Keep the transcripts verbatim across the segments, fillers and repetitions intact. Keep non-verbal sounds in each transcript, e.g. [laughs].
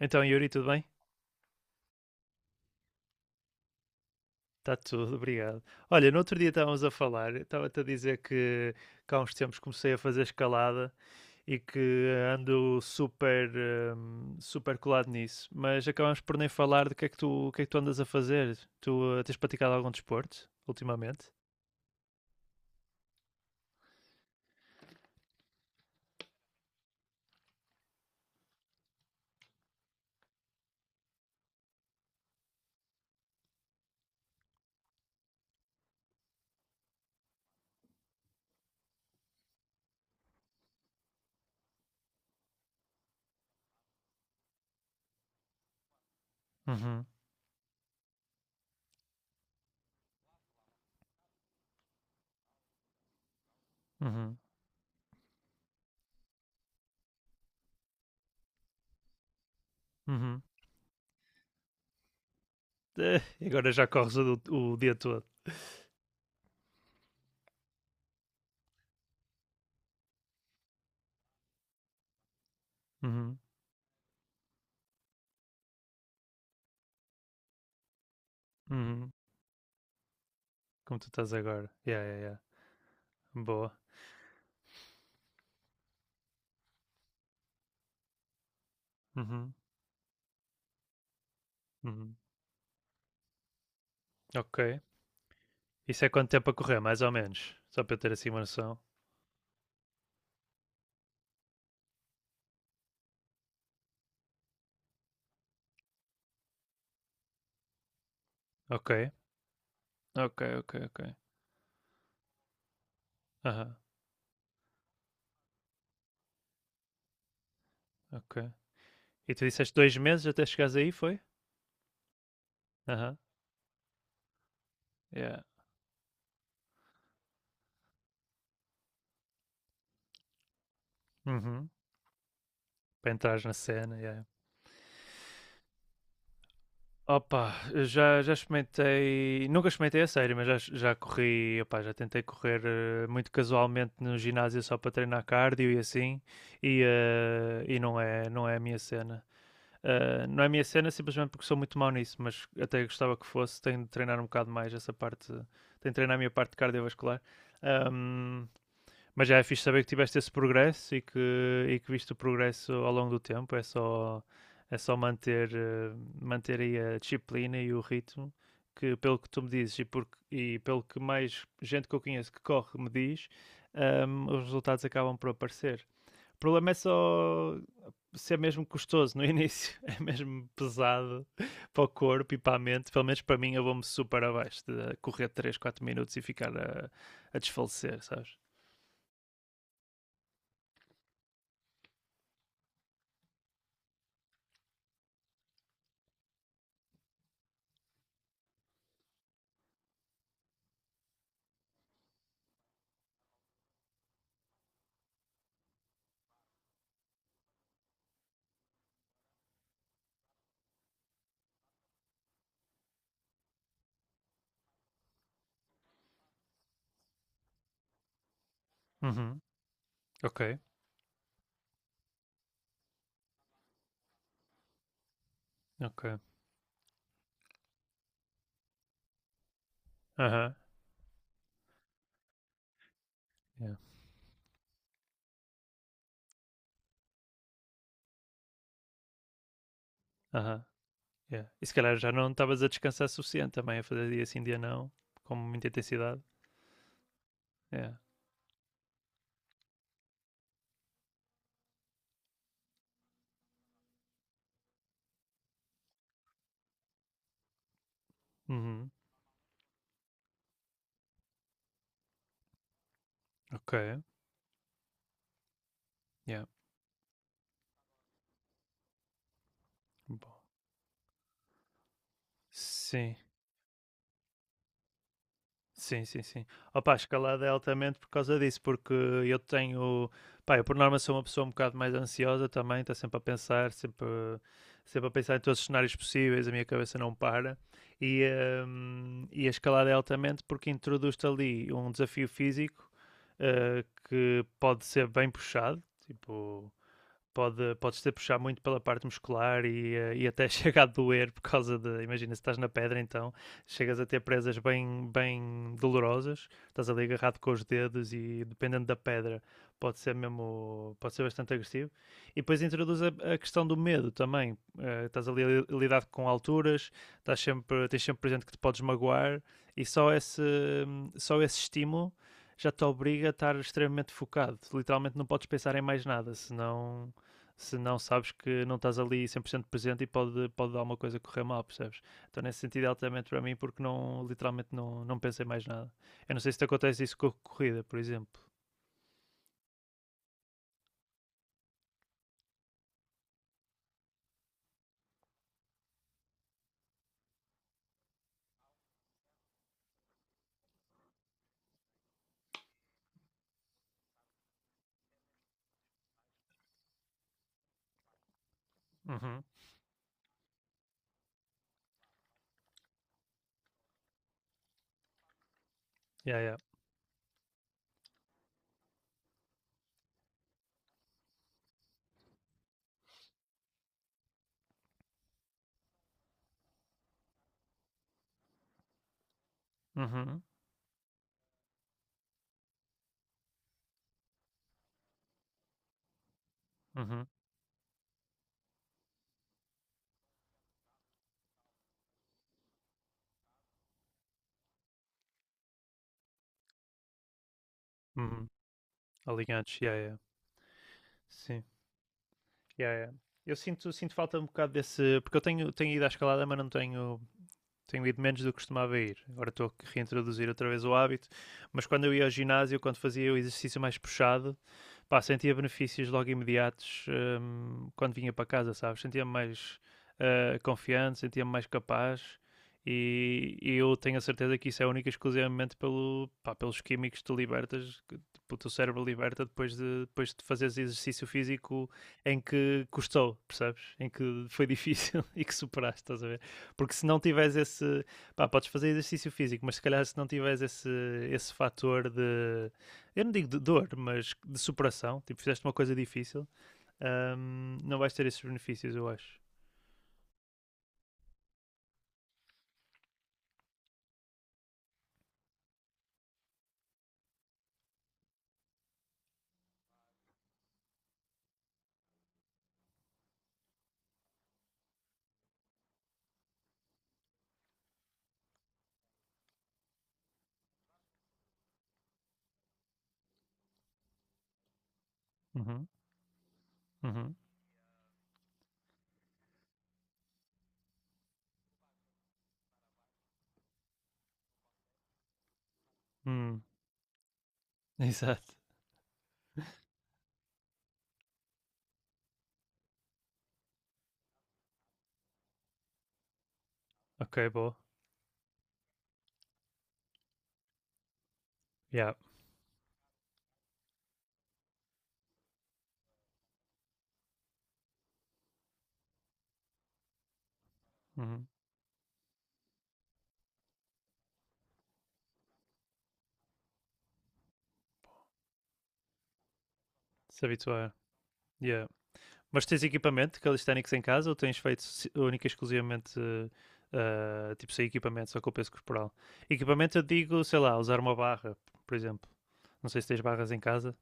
Então, Yuri, tudo bem? Está tudo, obrigado. Olha, no outro dia estávamos a falar, estava-te a dizer que, que há uns tempos comecei a fazer escalada e que ando super, hum, super colado nisso, mas acabamos por nem falar do que é que tu, o que é que tu andas a fazer. Tu eh, tens praticado algum desporto ultimamente? Uhum, uhum, uhum. [laughs] Eh, e agora já corres o, o dia todo. Uhum, uhum. Como tu estás agora. Yeah, yeah, yeah. Boa. Uhum, uhum. Ok, isso é quanto tempo a correr, mais ou menos? Só para eu ter assim uma noção. Ok, ok, ok, ok. Aham, uh-huh. Ok. E tu disseste dois meses até chegares aí, foi? Aham, uh-huh. Yeah. Uhum. Para entrares na cena, yeah. Opa, eu já, já experimentei, nunca experimentei a sério, mas já, já corri, opá, já tentei correr eh, muito casualmente no ginásio só para treinar cardio e assim, e, eh, e não é, não é a minha cena. Uh, não é a minha cena simplesmente porque sou muito mau nisso, mas até gostava que fosse. Tenho de treinar um bocado mais essa parte, tenho de treinar a minha parte cardiovascular. Um, mas já é fixe saber que tiveste esse progresso e que, e que viste o progresso ao longo do tempo. É só, é só manter, uh, manter aí a disciplina e o ritmo, que pelo que tu me dizes e, porque, e pelo que mais gente que eu conheço que corre me diz, um, os resultados acabam por aparecer. O problema é só ser mesmo custoso no [laughs] início, é mesmo pesado para o corpo e para a mente. Pelo menos para mim, eu vou-me super abaixo de correr três quatro minutos e ficar a, a desfalecer, sabes? Uhum. Ok, ok. Aham, uhum. Yeah, aham, yeah. E se calhar já não estavas a descansar suficiente também, a fazer dia sim, dia não, com muita intensidade. Yeah. Uhum. Ok. Yeah. Bom. Sim. Sim, sim, sim. Opa, a escalada é altamente por causa disso, porque eu tenho. Pá, eu por norma sou uma pessoa um bocado mais ansiosa também, está sempre a pensar, sempre, sempre a pensar em todos os cenários possíveis, a minha cabeça não para. E, hum, e a escalada é altamente porque introduz-te ali um desafio físico eh, que pode ser bem puxado, tipo pode, podes ter puxar muito pela parte muscular e, eh, e até [laughs] chega a doer por causa de. Imagina, se estás na pedra, então chegas a ter presas bem, bem dolorosas, estás ali agarrado com os dedos e dependendo da pedra, pode ser mesmo. Pode ser bastante agressivo. E depois introduz a, a questão do medo também. Eh, estás ali a lidar com alturas, estás sempre, tens sempre presente que te podes magoar e só esse, só esse estímulo. Já te obriga a estar extremamente focado. Literalmente não podes pensar em mais nada, senão se não sabes que não estás ali cem por cento presente e pode, pode dar uma coisa a correr mal, percebes? Então, nesse sentido, é altamente para mim, porque não, literalmente não, não pensei mais nada. Eu não sei se te acontece isso com a corrida, por exemplo. Uhum. Yeah, yeah. Uhum. Uhum. Uhum. Aligantes, yeah, yeah. Sim. Yeah, yeah. Eu sinto, sinto falta um bocado desse. Porque eu tenho, tenho ido à escalada, mas não tenho. Tenho ido menos do que costumava ir. Agora estou a reintroduzir outra vez o hábito. Mas quando eu ia ao ginásio, quando fazia o exercício mais puxado, pá, sentia benefícios logo imediatos hum, quando vinha para casa, sabes? Sentia-me mais ah, confiante, sentia-me mais capaz e, e eu tenho a certeza que isso é única e exclusivamente pelo, pá, pelos químicos que tu libertas, que tipo, o teu cérebro liberta depois de, depois de fazeres exercício físico em que custou, percebes? Em que foi difícil [laughs] e que superaste, estás a ver? Porque se não tiveres esse, pá, podes fazer exercício físico, mas se calhar se não tiveres esse, esse fator de eu não digo de dor, mas de superação. Tipo, fizeste uma coisa difícil, hum, não vais ter esses benefícios, eu acho. Uhum, uhum, hum, [laughs] exato. Ok, boa. Yeah. Uhum. Se habituar. Yeah. Mas tens equipamento calisthenics em casa ou tens feito si- única e exclusivamente eh, ah, tipo sem equipamento, só com o peso corporal? Equipamento eu digo, sei lá, usar uma barra, por exemplo. Não sei se tens barras em casa.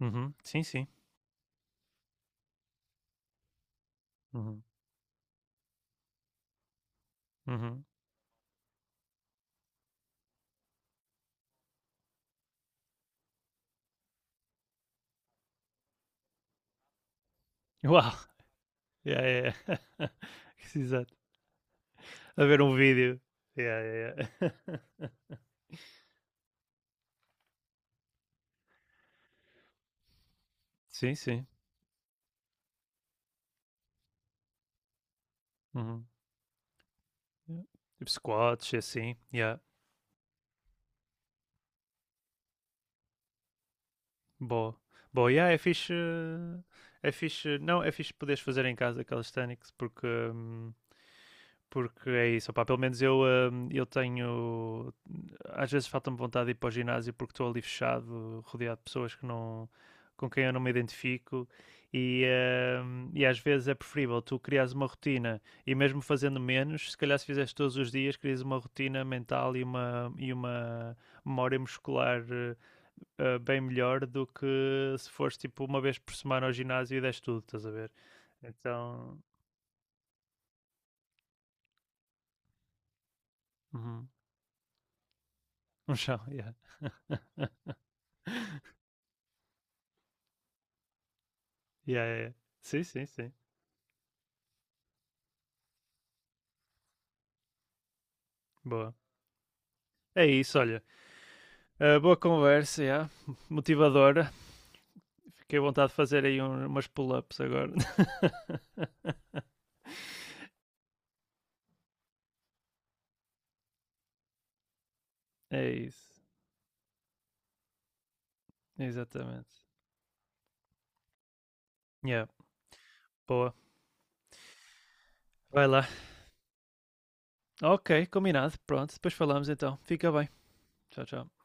Uhum. Sim, sim. Uhum. Uhum. Uau! [laughs] Yeah, yeah, yeah. [laughs] Exato. A ver um vídeo. Yeah, yeah, yeah. [laughs] Sim, sim. Uhum. Tipo squats, assim. Yeah. Boa. Boa, yeah, é fixe. É fixe. Não, é fixe poderes fazer em casa calisthenics porque. hum, Porque é isso, opá, pelo menos eu, hum, eu tenho. Às vezes falta-me vontade de ir para o ginásio porque estou ali fechado, rodeado de pessoas que não, com quem eu não me identifico. E, hum, e às vezes é preferível tu criares uma rotina e, mesmo fazendo menos, se calhar se fizeste todos os dias, crias uma rotina mental e uma, e uma memória muscular eh, eh, bem melhor do que se fores tipo uma vez por semana ao ginásio e deste tudo, estás a ver? Então, uhum, [laughs] um chão, yeah. [laughs] Yeah, yeah, yeah. Sim, sim, sim. Boa. É isso, olha. Uh, boa conversa, yeah. [laughs] Motivadora. Fiquei à vontade de fazer aí um- umas pull-ups agora. [laughs] É isso. Exatamente. Yeah, boa. Vai lá. Ok, combinado. Pronto, depois falamos então. Fica bem. Tchau, tchau.